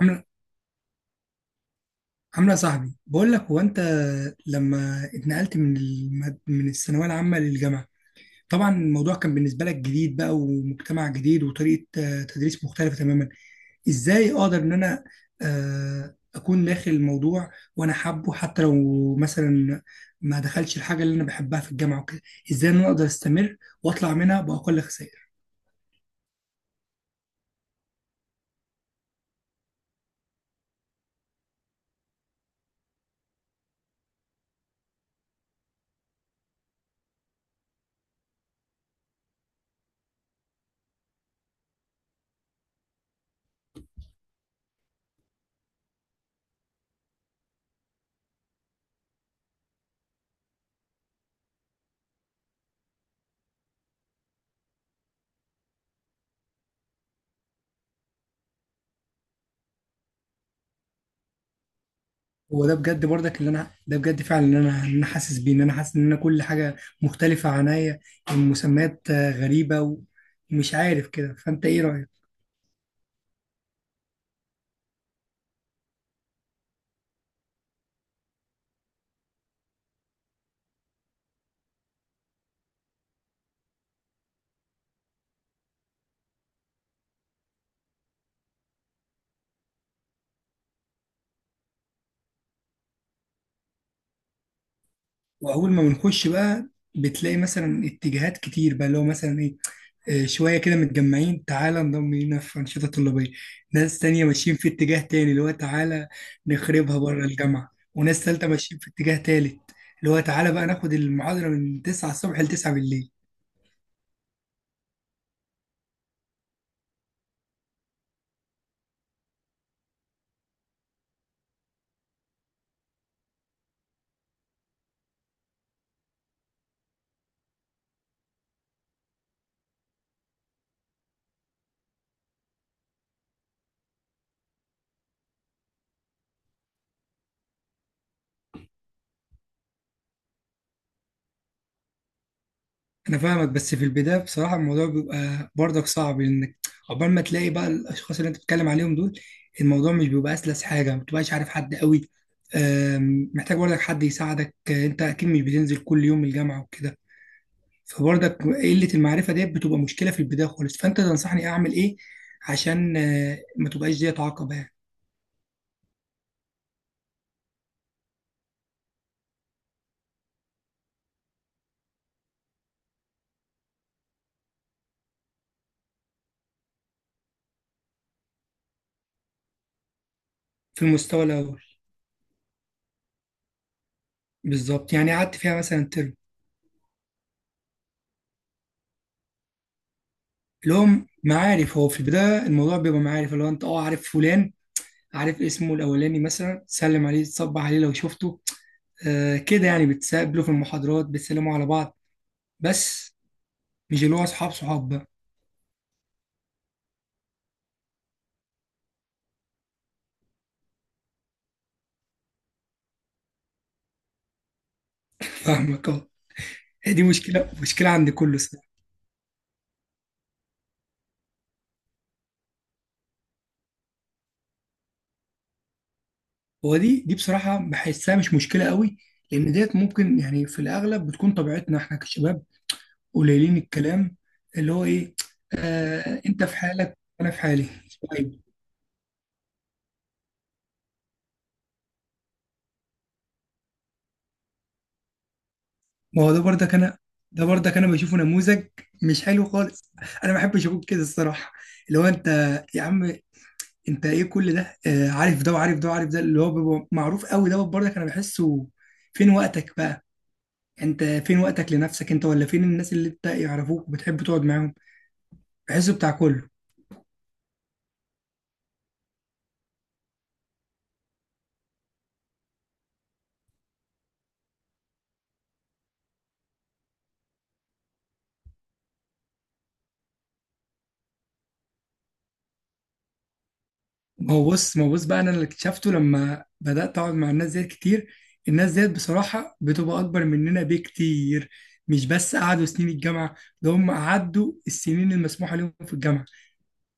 عاملة عاملة صاحبي، بقول لك هو انت لما اتنقلت من الثانوية العامة للجامعة، طبعا الموضوع كان بالنسبة لك جديد بقى، ومجتمع جديد، وطريقة تدريس مختلفة تماما. ازاي اقدر ان انا اكون داخل الموضوع وانا حابه، حتى لو مثلا ما دخلش الحاجة اللي انا بحبها في الجامعة وكده؟ ازاي ان انا اقدر استمر واطلع منها بأقل خسائر؟ هو ده بجد برضك اللي انا، ده بجد فعلا اللي انا حاسس بيه، ان انا حاسس ان انا كل حاجه مختلفه عنيا. المسميات غريبه ومش عارف كده. فانت ايه رايك؟ واول ما بنخش بقى بتلاقي مثلا اتجاهات كتير بقى، اللي هو مثلا ايه، شويه كده متجمعين، تعالى انضم لينا في انشطه طلابيه. ناس تانية ماشيين في اتجاه تاني، اللي هو تعالى نخربها بره الجامعه. وناس تالتة ماشيين في اتجاه تالت، اللي هو تعالى بقى ناخد المحاضره من 9 الصبح ل 9 بالليل. انا فاهمك، بس في البدايه بصراحه الموضوع بيبقى برضك صعب، لانك عقبال ما تلاقي بقى الاشخاص اللي انت بتتكلم عليهم دول، الموضوع مش بيبقى اسلس حاجه. ما بتبقاش عارف حد قوي، محتاج برضك حد يساعدك. انت اكيد مش بتنزل كل يوم الجامعه وكده، فبرضك قله المعرفه ديت بتبقى مشكله في البدايه خالص. فانت تنصحني اعمل ايه عشان ما تبقاش ديت عقبه يعني؟ في المستوى الاول. بالظبط، يعني قعدت فيها مثلا ترم. اللي هو معارف، هو في البدايه الموضوع بيبقى معارف، اللي هو انت اه عارف فلان، عارف اسمه الاولاني، مثلا تسلم عليه، تصبح عليه لو شفته. آه كده يعني، بتسابله في المحاضرات، بتسلموا على بعض بس. مش اللي هو اصحاب، صحاب بقى. فاهمك اه. هي دي مشكله مشكله عند كل الصراحه. هو دي بصراحه بحسها مش مشكله قوي، لان ديت ممكن، يعني في الاغلب بتكون طبيعتنا احنا كشباب قليلين الكلام، اللي هو ايه، آه انت في حالك انا في حالي. طيب. ما هو ده برضك انا ده برضك انا بشوفه نموذج مش حلو خالص. انا ما بحبش اقول كده الصراحه، اللي هو انت يا عم، انت ايه كل ده؟ آه عارف ده وعارف ده وعارف ده، اللي هو بيبقى معروف قوي دوت برضك انا بحسه، فين وقتك بقى؟ انت فين وقتك لنفسك انت، ولا فين الناس اللي انت يعرفوك وبتحب تقعد معاهم؟ بحسه بتاع كله. ما هو بص، ما هو بص بقى، انا اللي اكتشفته لما بدات اقعد مع الناس ديت كتير، الناس ديت بصراحه بتبقى اكبر مننا بكتير. مش بس قعدوا سنين الجامعه، ده هم قعدوا السنين المسموحه لهم في الجامعه.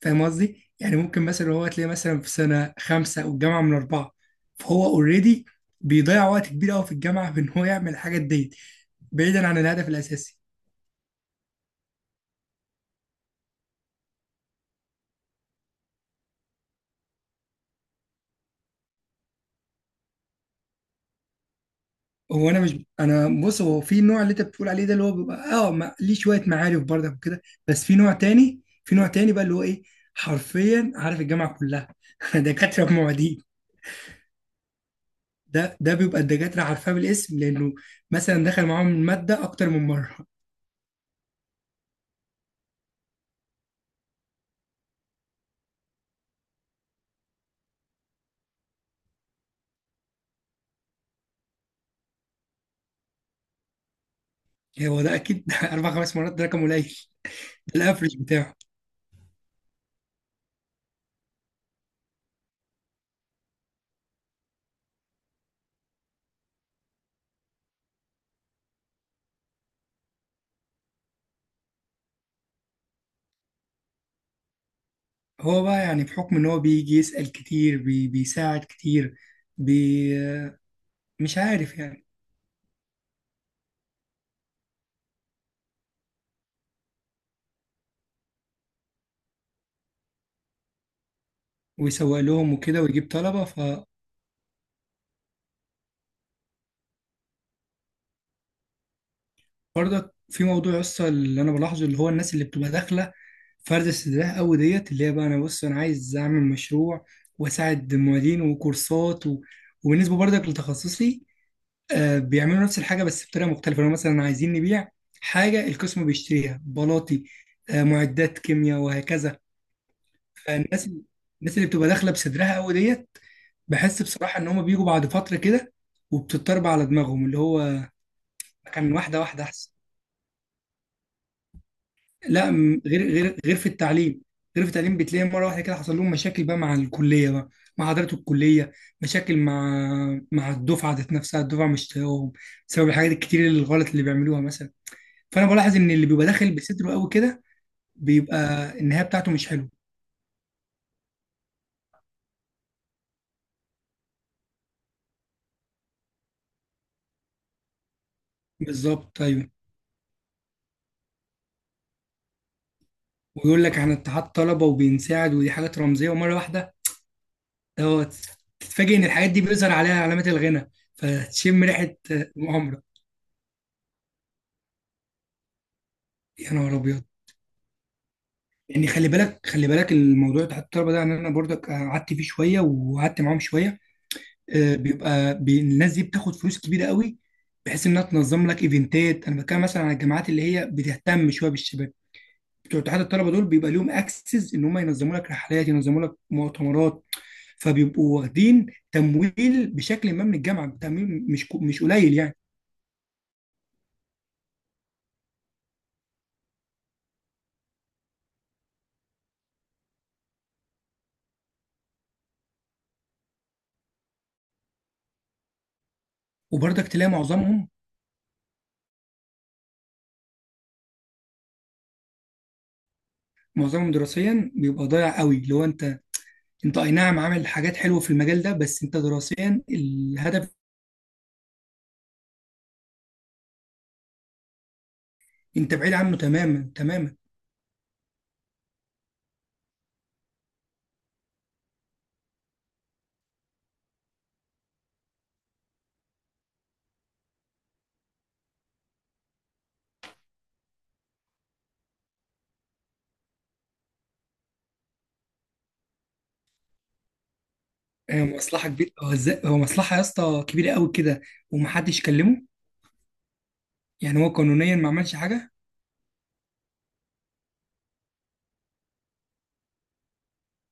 فاهم قصدي؟ يعني ممكن مثلا هو تلاقيه مثلا في سنه خمسه والجامعه من اربعه، فهو اوريدي بيضيع وقت كبير قوي في الجامعه في ان هو يعمل الحاجات ديت بعيدا عن الهدف الاساسي. هو انا مش، انا بص، هو في نوع اللي انت بتقول عليه ده اللي هو بيبقى اه ليه شويه معارف برضك وكده. بس في نوع تاني، في نوع تاني بقى اللي هو ايه، حرفيا عارف الجامعه كلها. دكاتره بمواعيد ده بيبقى الدكاتره عارفاه بالاسم، لانه مثلا دخل معاهم الماده اكتر من مره. يعني هو ده اكيد اربع خمس مرات ده رقم قليل، ده الافرج بتاعه. هو بقى يعني بحكم ان هو بيجي يسال كتير بيساعد كتير، بي مش عارف يعني، ويسوق لهم وكده ويجيب طلبه. برضك في موضوع لسه اللي انا بلاحظه، اللي هو الناس اللي بتبقى داخله فرد استدراك قوي ديت، اللي هي بقى انا بص انا عايز اعمل مشروع واساعد موالين وكورسات و... وبالنسبه برضك لتخصصي، بيعملوا نفس الحاجه بس بطريقه مختلفه. لو مثلا عايزين نبيع حاجه القسم بيشتريها بلاطي، معدات كيمياء وهكذا. فالناس، الناس اللي بتبقى داخله بصدرها قوي ديت، بحس بصراحه ان هم بيجوا بعد فتره كده، وبتضطرب على دماغهم اللي هو كان واحده واحده احسن. لا غير، غير في التعليم، غير في التعليم بتلاقي مره واحده كده حصل لهم مشاكل بقى مع الكليه بقى، مع حضرات الكليه، مشاكل مع الدفعه ذات نفسها. الدفعه مش طايقاهم بسبب الحاجات الكتير الغلط اللي بيعملوها مثلا. فانا بلاحظ ان اللي بيبقى داخل بصدره قوي كده بيبقى النهايه بتاعته مش حلوه. بالظبط ايوه. ويقول لك عن اتحاد طلبه وبينساعد، ودي حاجات رمزيه، ومره واحده هو تتفاجئ ان الحاجات دي بيظهر عليها علامات الغنى فتشم ريحه مؤامره. يا نهار ابيض! يعني خلي بالك، خلي بالك، الموضوع بتاع الطلبه ده، يعني انا برضك قعدت فيه شويه، وقعدت معاهم شويه. بيبقى الناس دي بتاخد فلوس كبيره قوي، بحيث انها تنظم لك ايفنتات. انا بتكلم مثلا على الجامعات اللي هي بتهتم شويه بالشباب. بتوع اتحاد الطلبه دول بيبقى ليهم اكسس ان هم ينظموا لك رحلات، ينظموا لك مؤتمرات، فبيبقوا واخدين تمويل بشكل ما من الجامعه، تمويل مش قليل يعني. وبرضك تلاقي معظمهم دراسيا بيبقى ضايع قوي. لو انت، انت اي نعم عامل حاجات حلوه في المجال ده، بس انت دراسيا الهدف، انت بعيد عنه تماما تماما. مصلحه كبيره. هو ازاي، هو مصلحه يا اسطى كبيره قوي كده ومحدش كلمه؟ يعني هو قانونيا ما عملش حاجه.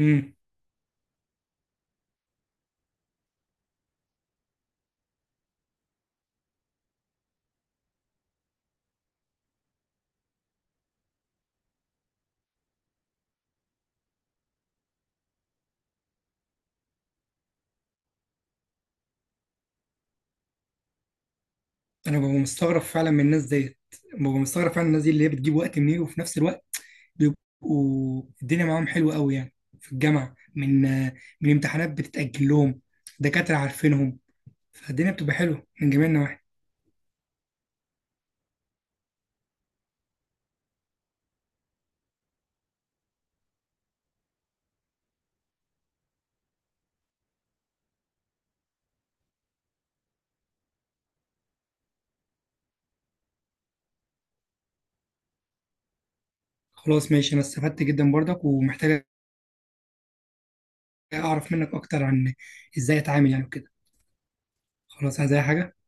امم انا ببقى مستغرب فعلا من الناس ديت، ببقى مستغرب فعلا. الناس دي اللي هي بتجيب وقت منين؟ وفي نفس الوقت بيبقوا الدنيا معاهم حلوه قوي يعني في الجامعه، من من امتحانات بتتاجل لهم، دكاتره عارفينهم، فالدنيا بتبقى حلوه من جميع النواحي. خلاص ماشي، انا استفدت جدا برضك، ومحتاج اعرف منك اكتر عن ازاي اتعامل يعني وكده. خلاص عايز اي حاجه.